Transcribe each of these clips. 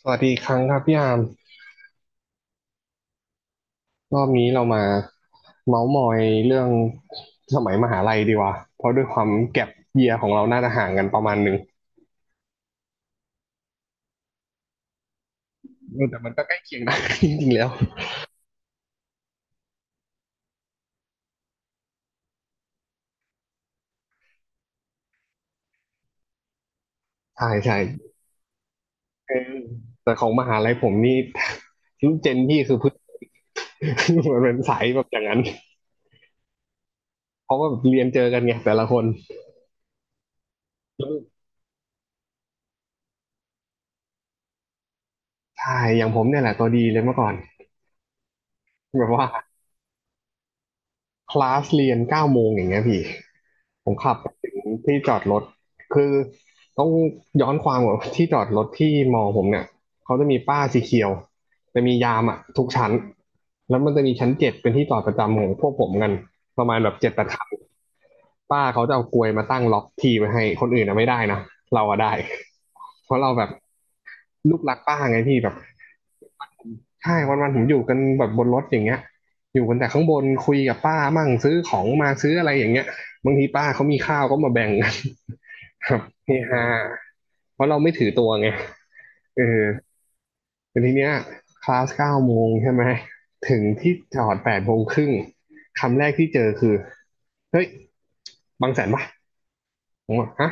สวัสดีอีกครั้งครับพี่อามรอบนี้เรามาเมาส์มอยเรื่องสมัยมหาลัยดีกว่าเพราะด้วยความแก็ปเยียร์ของเราน่าจะห่างกันประมาณหนึ่งเออแต่มันก็ใกล้เคียงนะ จริงๆแล้วใช่ใช่เออแต่ของมหาลัยผมนี่ รุ่นเจนพี่คือพึ่ง มันเป็นสายแบบอย่างนั้นเพราะว่าเรียนเจอกันไงแต่ละคนใช่อย่างผมเนี่ยแหละตัวดีเลยเมื่อก่อนแบบว่า คลาสเรียน9 โมงอย่างเงี้ยพี่ผมขับไปถึงที่จอดรถคือต้องย้อนความก่อนที่จอดรถที่มอผมเนี่ยเขาจะมีป้ายสีเขียวจะมียามอ่ะทุกชั้นแล้วมันจะมีชั้น 7เป็นที่จอดประจำของพวกผมกันประมาณแบบ7-8 คันป้าเขาจะเอากลวยมาตั้งล็อกทีไว้ให้คนอื่นนะไม่ได้นะเราอะได้เพราะเราแบบลูกรักป้าไงพี่แบบ ใช่วันๆผมอยู่กันแบบบนรถอย่างเงี้ยอยู่กันแต่ข้างบนคุยกับป้ามั่งซื้อของมาซื้ออะไรอย่างเงี้ยบางทีป้าเขามีข้าวก็มาแบ่งกัน ครับเฮฮาเพราะเราไม่ถือตัวไงเออแต่ทีเนี้ยคลาสเก้าโมงใช่ไหมถึงที่จอด8 โมงครึ่งคำแรกที่เจอคือเฮ้ยบางแสนปะผมบอกฮะ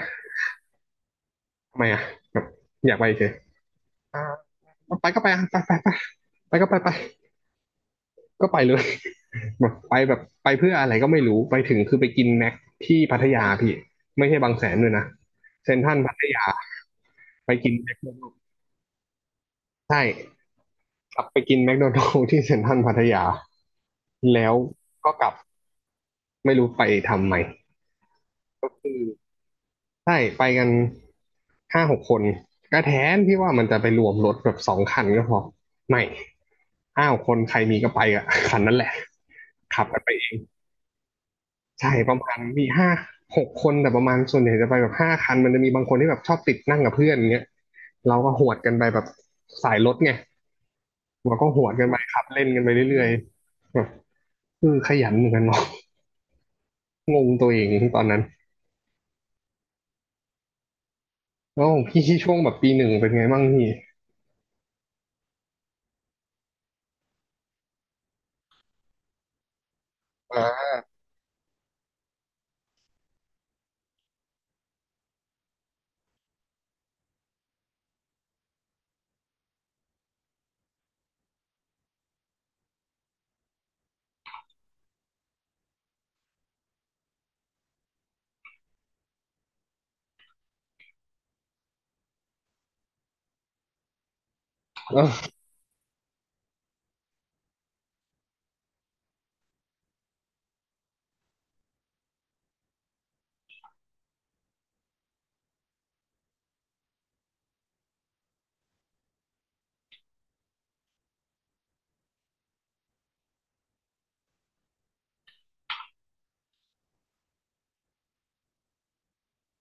ทำไมอ่ะแบบอยากไปเฉยอ่าไปก็ไปอ่ะไปไปไปไปก็ไปไปก็ไปเลย แบบไปแบบไปเพื่ออะไรก็ไม่รู้ไปถึงคือไปกินแม็กที่พัทยาพี่ไม่ใช่บางแสนด้วยนะเซ็นทรัลพัทยาไปกินแมคโดนัลด์ใช่กลับไปกินแมคโดนัลด์ที่เซ็นทรัลพัทยาแล้วก็กลับไม่รู้ไปทำไมก็คือใช่ไปกันห้าหกคนก็แทนที่ว่ามันจะไปรวมรถแบบ2 คันก็พอไม่ห้าหกคนใครมีก็ไปอะคันนั้นแหละขับกันไปเอง ใช่ประมาณมีห้าหกคนแต่ประมาณส่วนใหญ่จะไปแบบ5 คันมันจะมีบางคนที่แบบชอบติดนั่งกับเพื่อนอย่างเงี้ยเราก็หวดกันไปแบบสายรถไงเราก็หวดกันไปขับเล่นกันไปเรื่อยๆแบบเออขยันเหมือนกันเนาะงงตัวเองตอนนั้นแล้วของพี่ช่วงแบบปีหนึ่งเป็นไงบ้างพี่อ่าเออ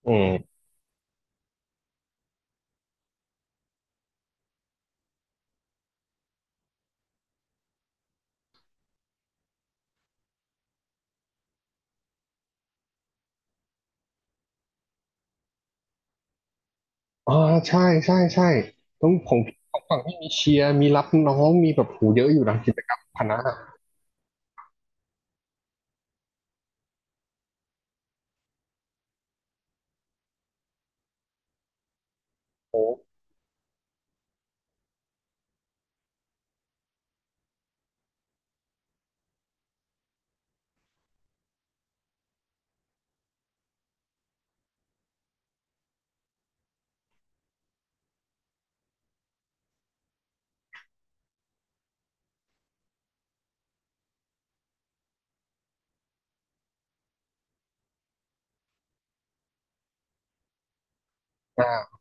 อืมอ๋อใช่ใช่ใช่ต้องของพี่ของฝั่งที่มีเชียร์มีรับน้องมีแบบหูเยอะอยู่นะกิจกรรมคณะอ่า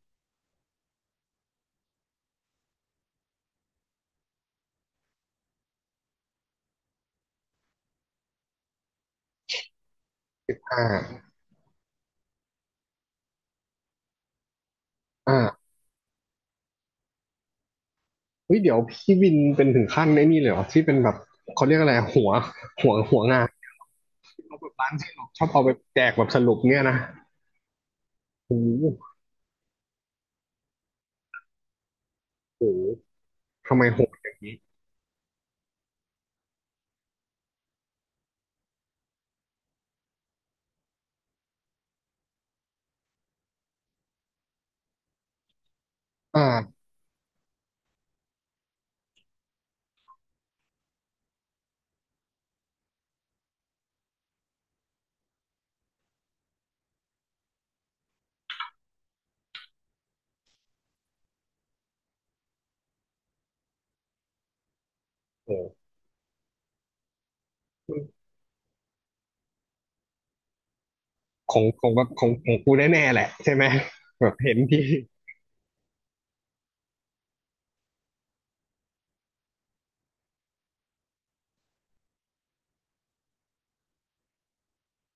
อ่าอ่า เฮ้ยเดี๋ยวพี่วินเป็นถึงขั้นไอ้นี่เลยเหรอที่เป็นแบบเขาเรียกอะไรหัวหัวงานที่เขาแบบร้านที่เราชอบเอาไปแจกแบบสรุปเนี่ยนะโอ้โหโอ้โหทำไมโหดอย่างนี้อ่าโอ้โหของของกูแน่ๆแหละใช่ไหมแบบเห็นที่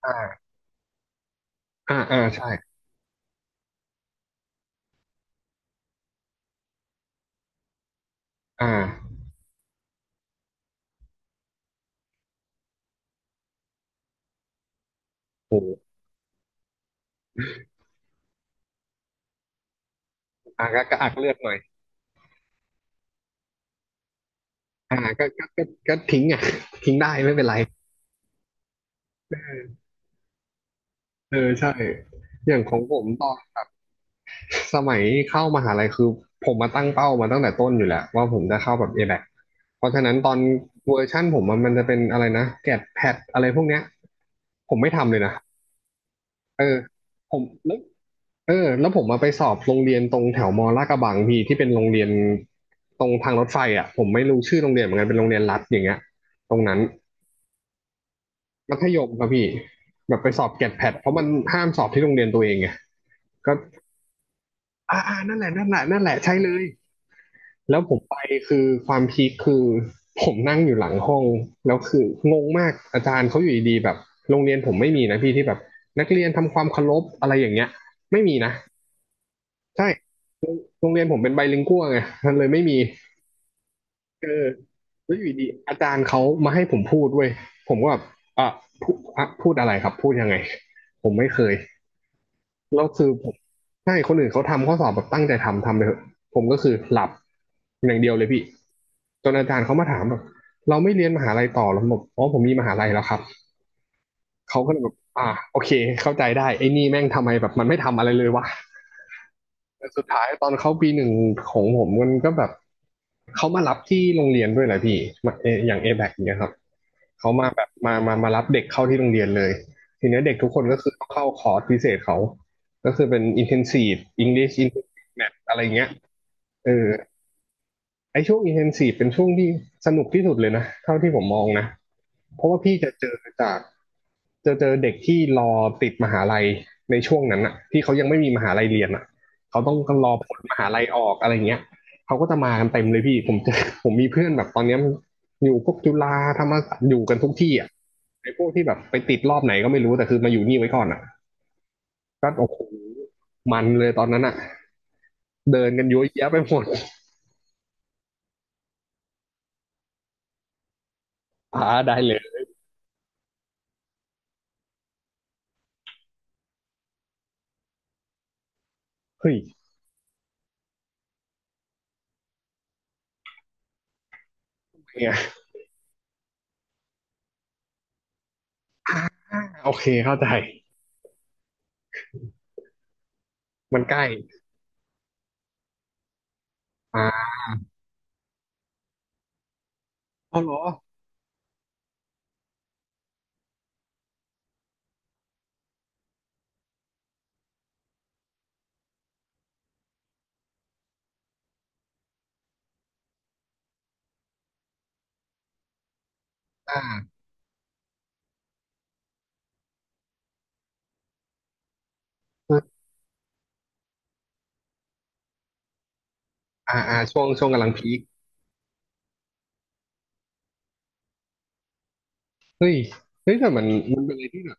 อ่าอ่าอ่าใช่อ่าโอ้โหอ่าก็ก็อักเลือดหน่อยอ่าก็ก็ก็ทิ้งอ่ะ ทิ้งได้ไม่เป็นไรเออใช่อย่างของผมตอน สมัยเข้ามหาลัยคือผมมาตั้งเป้ามาตั้งแต่ต้นอยู่แหละว่าผมจะเข้าแบบ ABACเพราะฉะนั้นตอนเวอร์ชั่นผมอะมันจะเป็นอะไรนะแกดแพดอะไรพวกเนี้ยผมไม่ทำเลยนะเออผมแล้วเออแล้วผมมาไปสอบโรงเรียนตรงแถวมอลาดกระบังพี่ที่เป็นโรงเรียนตรงทางรถไฟอ่ะผมไม่รู้ชื่อโรงเรียนเหมือนกันเป็นโรงเรียนรัฐอย่างเงี้ยตรงนั้นมัธยมครับพี่แบบไปสอบแกดแพดเพราะมันห้ามสอบที่โรงเรียนตัวเองไงก็อ่าอ่านั่นแหละนั่นแหละนั่นแหละใช่เลย แล้วผมไปคือความพีคคือผมนั่งอยู่หลังห้องแล้วคืองงมากอาจารย์เขาอยู่ดีๆแบบโรงเรียนผมไม่มีนะพี่ที่แบบนักเรียนทำความเคารพอะไรอย่างเงี้ยไม่มีนะใช่โรงเรียนผมเป็นไบลิงกัวไงมันเลยไม่มีเออแล้วอยู่ดีอาจารย์เขามาให้ผมพูดเว้ยผมก็แบบอ่ะพูดอ่ะพูดอะไรครับพูดยังไงผมไม่เคย แล้วคือผมใช่คนอื่นเขาทำข้อสอบแบบตั้งใจทำทำไปเถอะผมก็คือหลับอย่างเดียวเลยพี่ จนอาจารย์เขามาถามแบบเราไม่เรียนมหาลัยต่อแล้วผมบอกอ๋อผมมีมหาลัยแล้วครับ เขาก็เลยแบบอ่าโอเคเข้าใจได้ไอ้นี่แม่งทำไมแบบมันไม่ทำอะไรเลยวะแต่สุดท้ายตอนเขาปีหนึ่งของผมมันก็แบบเขามารับที่โรงเรียนด้วยแหละพี่มาเออย่างเอแบกเงี้ยครับ เขามาแบบมารับเด็กเข้าที่โรงเรียนเลยทีเนี้ยเด็กทุกคนก็คือต้องเข้าคอร์สพิเศษเขาก็คือเป็น intensive English intensive math อะไรเงี้ยเออไอช่วง intensive เป็นช่วงที่สนุกที่สุดเลยนะเท่าที่ผมมองนะเพราะว่าพี่จะเจอจากจะเจอเด็กที่รอติดมหาลัยในช่วงนั้นอะที่เขายังไม่มีมหาลัยเรียนอะเขาต้องรอผลมหาลัยออกอะไรเงี้ยเขาก็จะมากันเต็มเลยพี่ผมเจอผมมีเพื่อนแบบตอนเนี้ยมันอยู่พวกจุฬาธรรมศาสตร์อยู่กันทุกที่อ่ะ ไอ้พวกที่แบบไปติดรอบไหนก็ไม่รู้แต่คือมาอยู่นี่ไว้ก่อนอ่ะก็โอ้โหมันเลยตอนนั้นอ่ะเดินกันยยอวแยะไปหมดพาได้เลยเฮ้ยเนี่ยา โอเคเข้าใจมันใกล้อ่าเอาเหรออ่าอ่าอ่าช่วงช่วงกำลังพีคเฮ้ยเฮ้ยแต่มันมันเป็นอะไรที่แบบ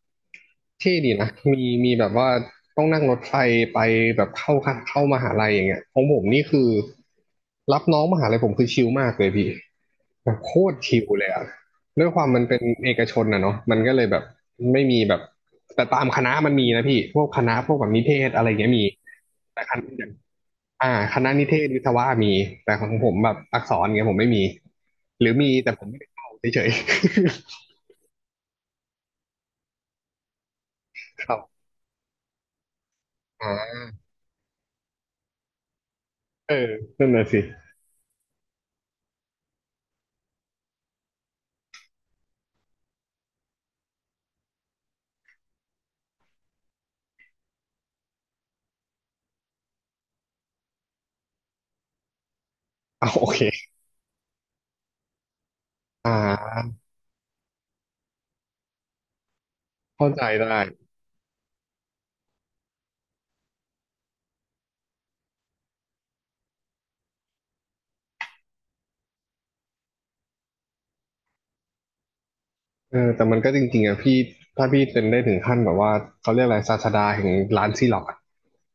เท่ดีนะมีมีแบบว่าต้องนั่งรถไฟไปแบบเข้าค่ะเข้ามหาลัยอย่างเงี้ยของผมนี่คือรับน้องมหาลัยผมคือชิลมากเลยพี่แบบโคตรชิลเลยอะด้วยความมันเป็นเอกชนนะเนาะมันก็เลยแบบไม่มีแบบแต่ตามคณะมันมีนะพี่ พวกคณะพวกแบบนิเทศอะไรเงี้ยมีแต่คณะอย่างคณะนิเทศวิศวะมีแต่ของผมแบบอักษรเงี้ยผมไม่มีหรือมีแต่ผมไม่ได้เข้าเฉยๆ ครับอ่าเออนั่นน่ะสิเอาโอเคอ่า เข้าใจได้เออแต่มันก็จริงๆอ่ะพี่ถ้าพี่เป็นได้ถึงขั้นแบบว่าเขาเรียกอะไรศาสดาแห่งร้านซีล็อกอะ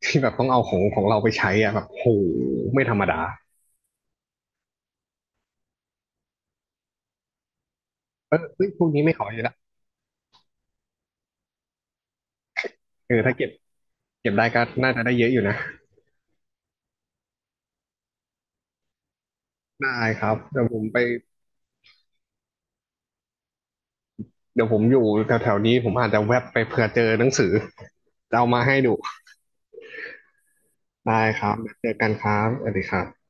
ที่แบบต้องเอาของของเราไปใช้อ่ะแบบโหไม่ธรรมดาเออเฮ้ยพวกนี้ไม่ขออยู่ละเออถ้าเก็บเก็บได้ก็น่าจะได้เยอะอยู่นะได้ครับเดี๋ยวผมไปเดี๋ยวผมอยู่แถวๆนี้ผมอาจจะแวบไปเผื่อเจอหนังสือจะเอามาให้ดูได้ครับเจอกันครับสวัสดีครับ